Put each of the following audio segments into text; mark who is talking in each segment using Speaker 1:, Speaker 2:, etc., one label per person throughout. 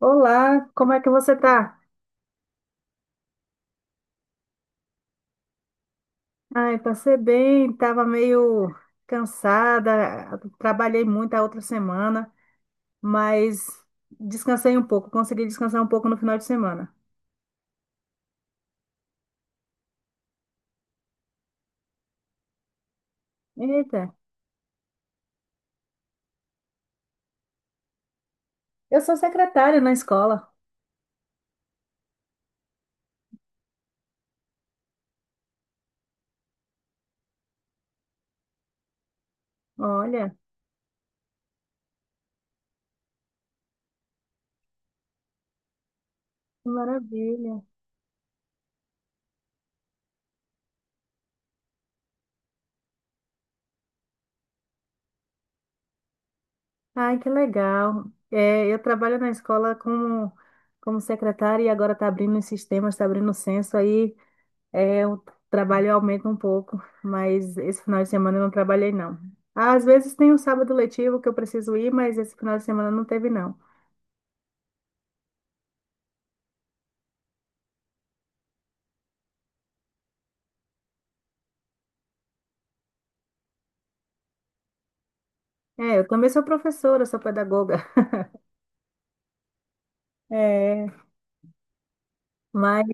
Speaker 1: Olá, como é que você tá? Ai, passei bem, tava meio cansada, trabalhei muito a outra semana, mas descansei um pouco, consegui descansar um pouco no final de semana. Eita, eu sou secretária na escola. Olha, que maravilha. Ai, que legal. É, eu trabalho na escola como secretária e agora está abrindo os sistemas, está abrindo o censo aí. É, o trabalho aumenta um pouco, mas esse final de semana eu não trabalhei, não. Às vezes tem o sábado letivo que eu preciso ir, mas esse final de semana não teve, não. É, eu também sou professora, sou pedagoga. É, mas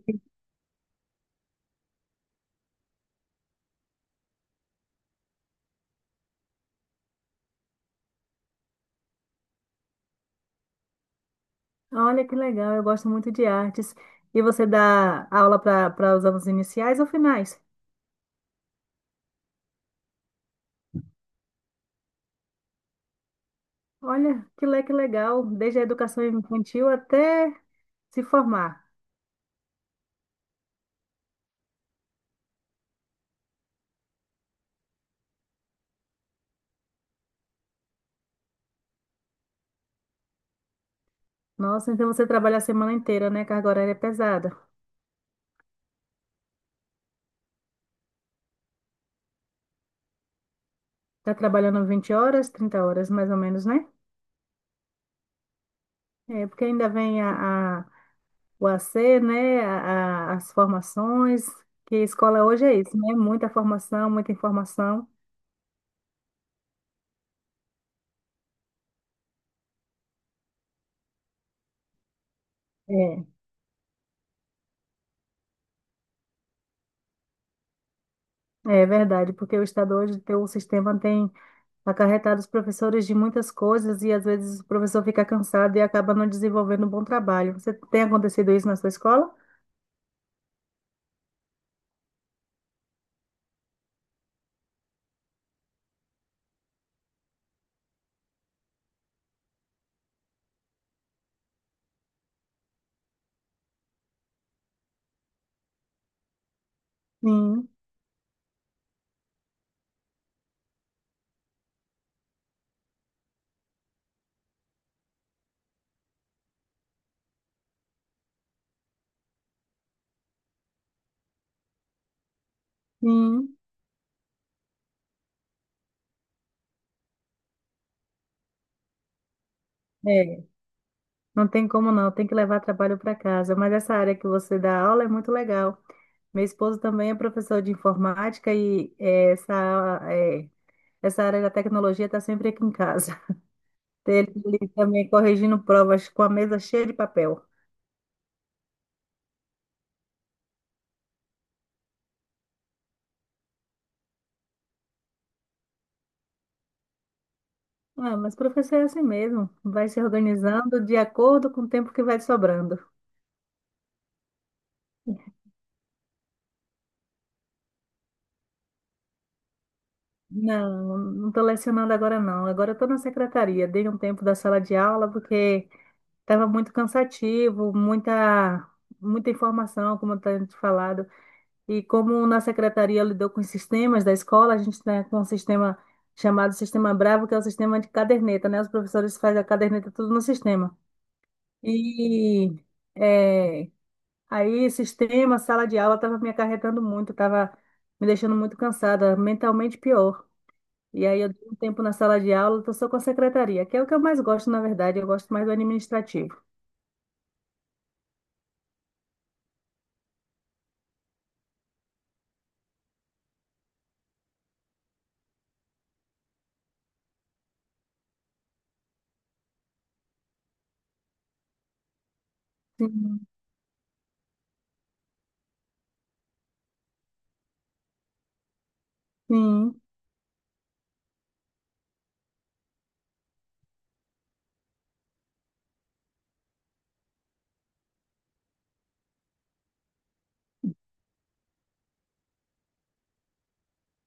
Speaker 1: olha que legal, eu gosto muito de artes. E você dá aula para os anos iniciais ou finais? Olha, que legal, desde a educação infantil até se formar. Nossa, então você trabalha a semana inteira, né? Carga horária é pesada. Tá trabalhando 20 horas, 30 horas mais ou menos, né? É, porque ainda vem o AC, né? As formações, que escola hoje é isso, né? Muita formação, muita informação. É, é verdade, porque o Estado hoje, o sistema tem acarretado os professores de muitas coisas e às vezes o professor fica cansado e acaba não desenvolvendo um bom trabalho. Você tem acontecido isso na sua escola? Sim, sim. É. Não tem como não, tem que levar trabalho para casa. Mas essa área que você dá aula é muito legal. Meu esposo também é professor de informática e essa área da tecnologia está sempre aqui em casa. Ele também corrigindo provas com a mesa cheia de papel. Ah, mas professor é assim mesmo, vai se organizando de acordo com o tempo que vai sobrando. Não, não estou lecionando agora não. Agora estou na secretaria. Dei um tempo da sala de aula porque tava muito cansativo, muita informação, como eu tenho te falado. E como na secretaria lidou com os sistemas da escola, a gente tem um sistema chamado Sistema Bravo, que é o sistema de caderneta, né? Os professores fazem a caderneta tudo no sistema. E é, aí, sistema, sala de aula, estava me acarretando muito, estava me deixando muito cansada, mentalmente pior. E aí, eu dei um tempo na sala de aula, estou só com a secretaria, que é o que eu mais gosto, na verdade, eu gosto mais do administrativo. Sim. Sim.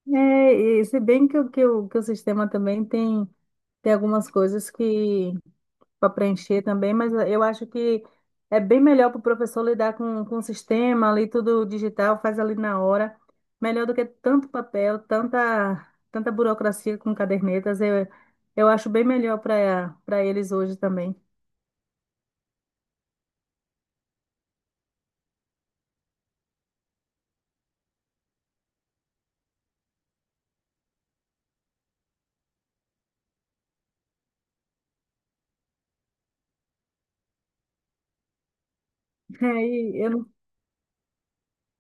Speaker 1: É, e se bem que, que o sistema também tem, tem algumas coisas que para preencher também, mas eu acho que é bem melhor para o professor lidar com o sistema ali, tudo digital, faz ali na hora, melhor do que tanto papel, tanta burocracia com cadernetas. Eu acho bem melhor para eles hoje também. Aí eu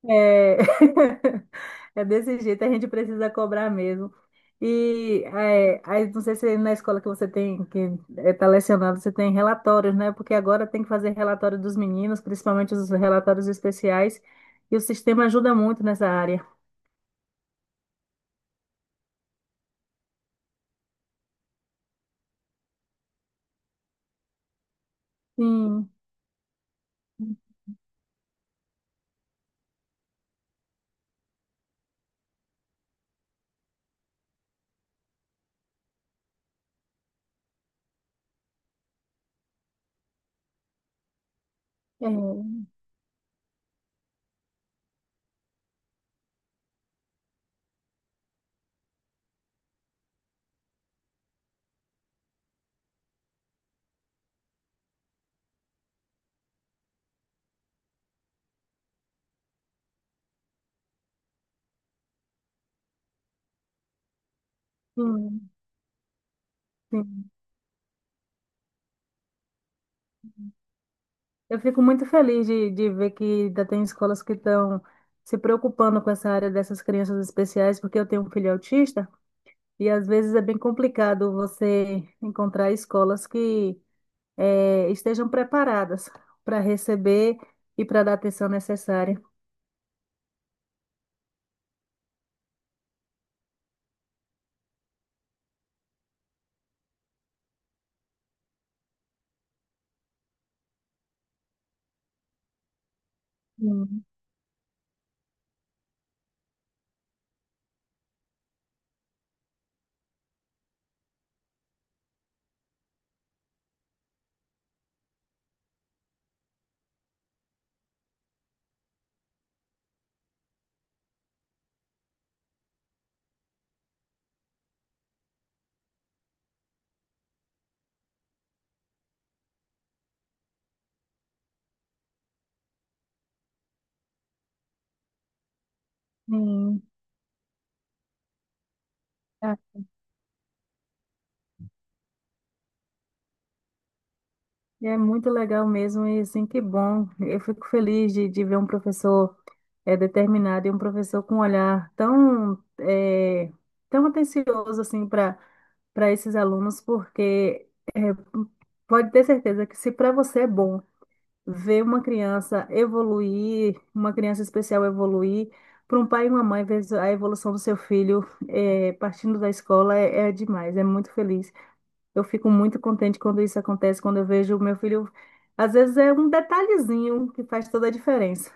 Speaker 1: É, é desse jeito, a gente precisa cobrar mesmo. E é, aí, não sei se na escola que você tem, que está lecionando, você tem relatórios, né? Porque agora tem que fazer relatório dos meninos, principalmente os relatórios especiais, e o sistema ajuda muito nessa área. Sim, é, sim, sim. Eu fico muito feliz de ver que ainda tem escolas que estão se preocupando com essa área dessas crianças especiais, porque eu tenho um filho autista. E às vezes é bem complicado você encontrar escolas que estejam preparadas para receber e para dar a atenção necessária. Sim, sim. Ah, é muito legal mesmo e assim, que bom. Eu fico feliz de ver um professor determinado e um professor com um olhar tão atencioso assim para esses alunos, porque eh, pode ter certeza que se para você é bom ver uma criança evoluir, uma criança especial evoluir, para um pai e uma mãe ver a evolução do seu filho partindo da escola é demais, é muito feliz. Eu fico muito contente quando isso acontece, quando eu vejo o meu filho. Às vezes é um detalhezinho que faz toda a diferença.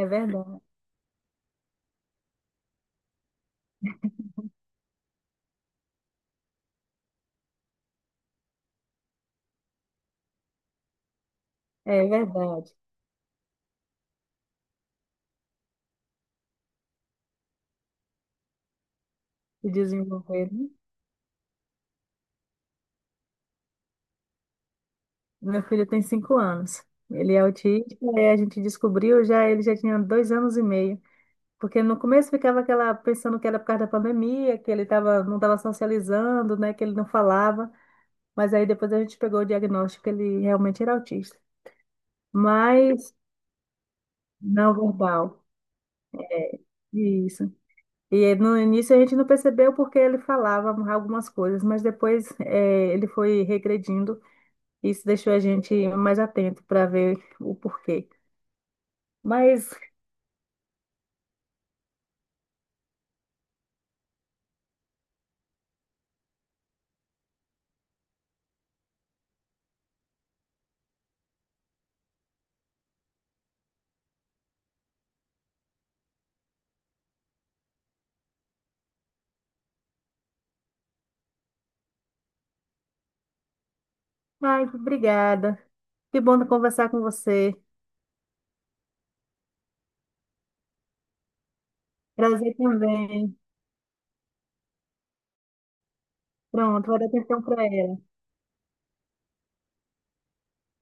Speaker 1: É verdade, é verdade. Se desenvolver, né? Meu filho tem 5 anos. Ele é autista, e a gente descobriu já, ele já tinha 2 anos e meio. Porque no começo ficava aquela pensando que era por causa da pandemia, que ele tava, não estava socializando, né, que ele não falava, mas aí depois a gente pegou o diagnóstico que ele realmente era autista. Mas não verbal. É, isso. E no início a gente não percebeu porque ele falava algumas coisas, mas depois ele foi regredindo e isso deixou a gente mais atento para ver o porquê. Mas, ai, obrigada. Que bom conversar com você. Prazer também. Pronto, vou dar atenção para ela.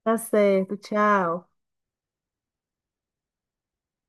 Speaker 1: Tá certo, tchau.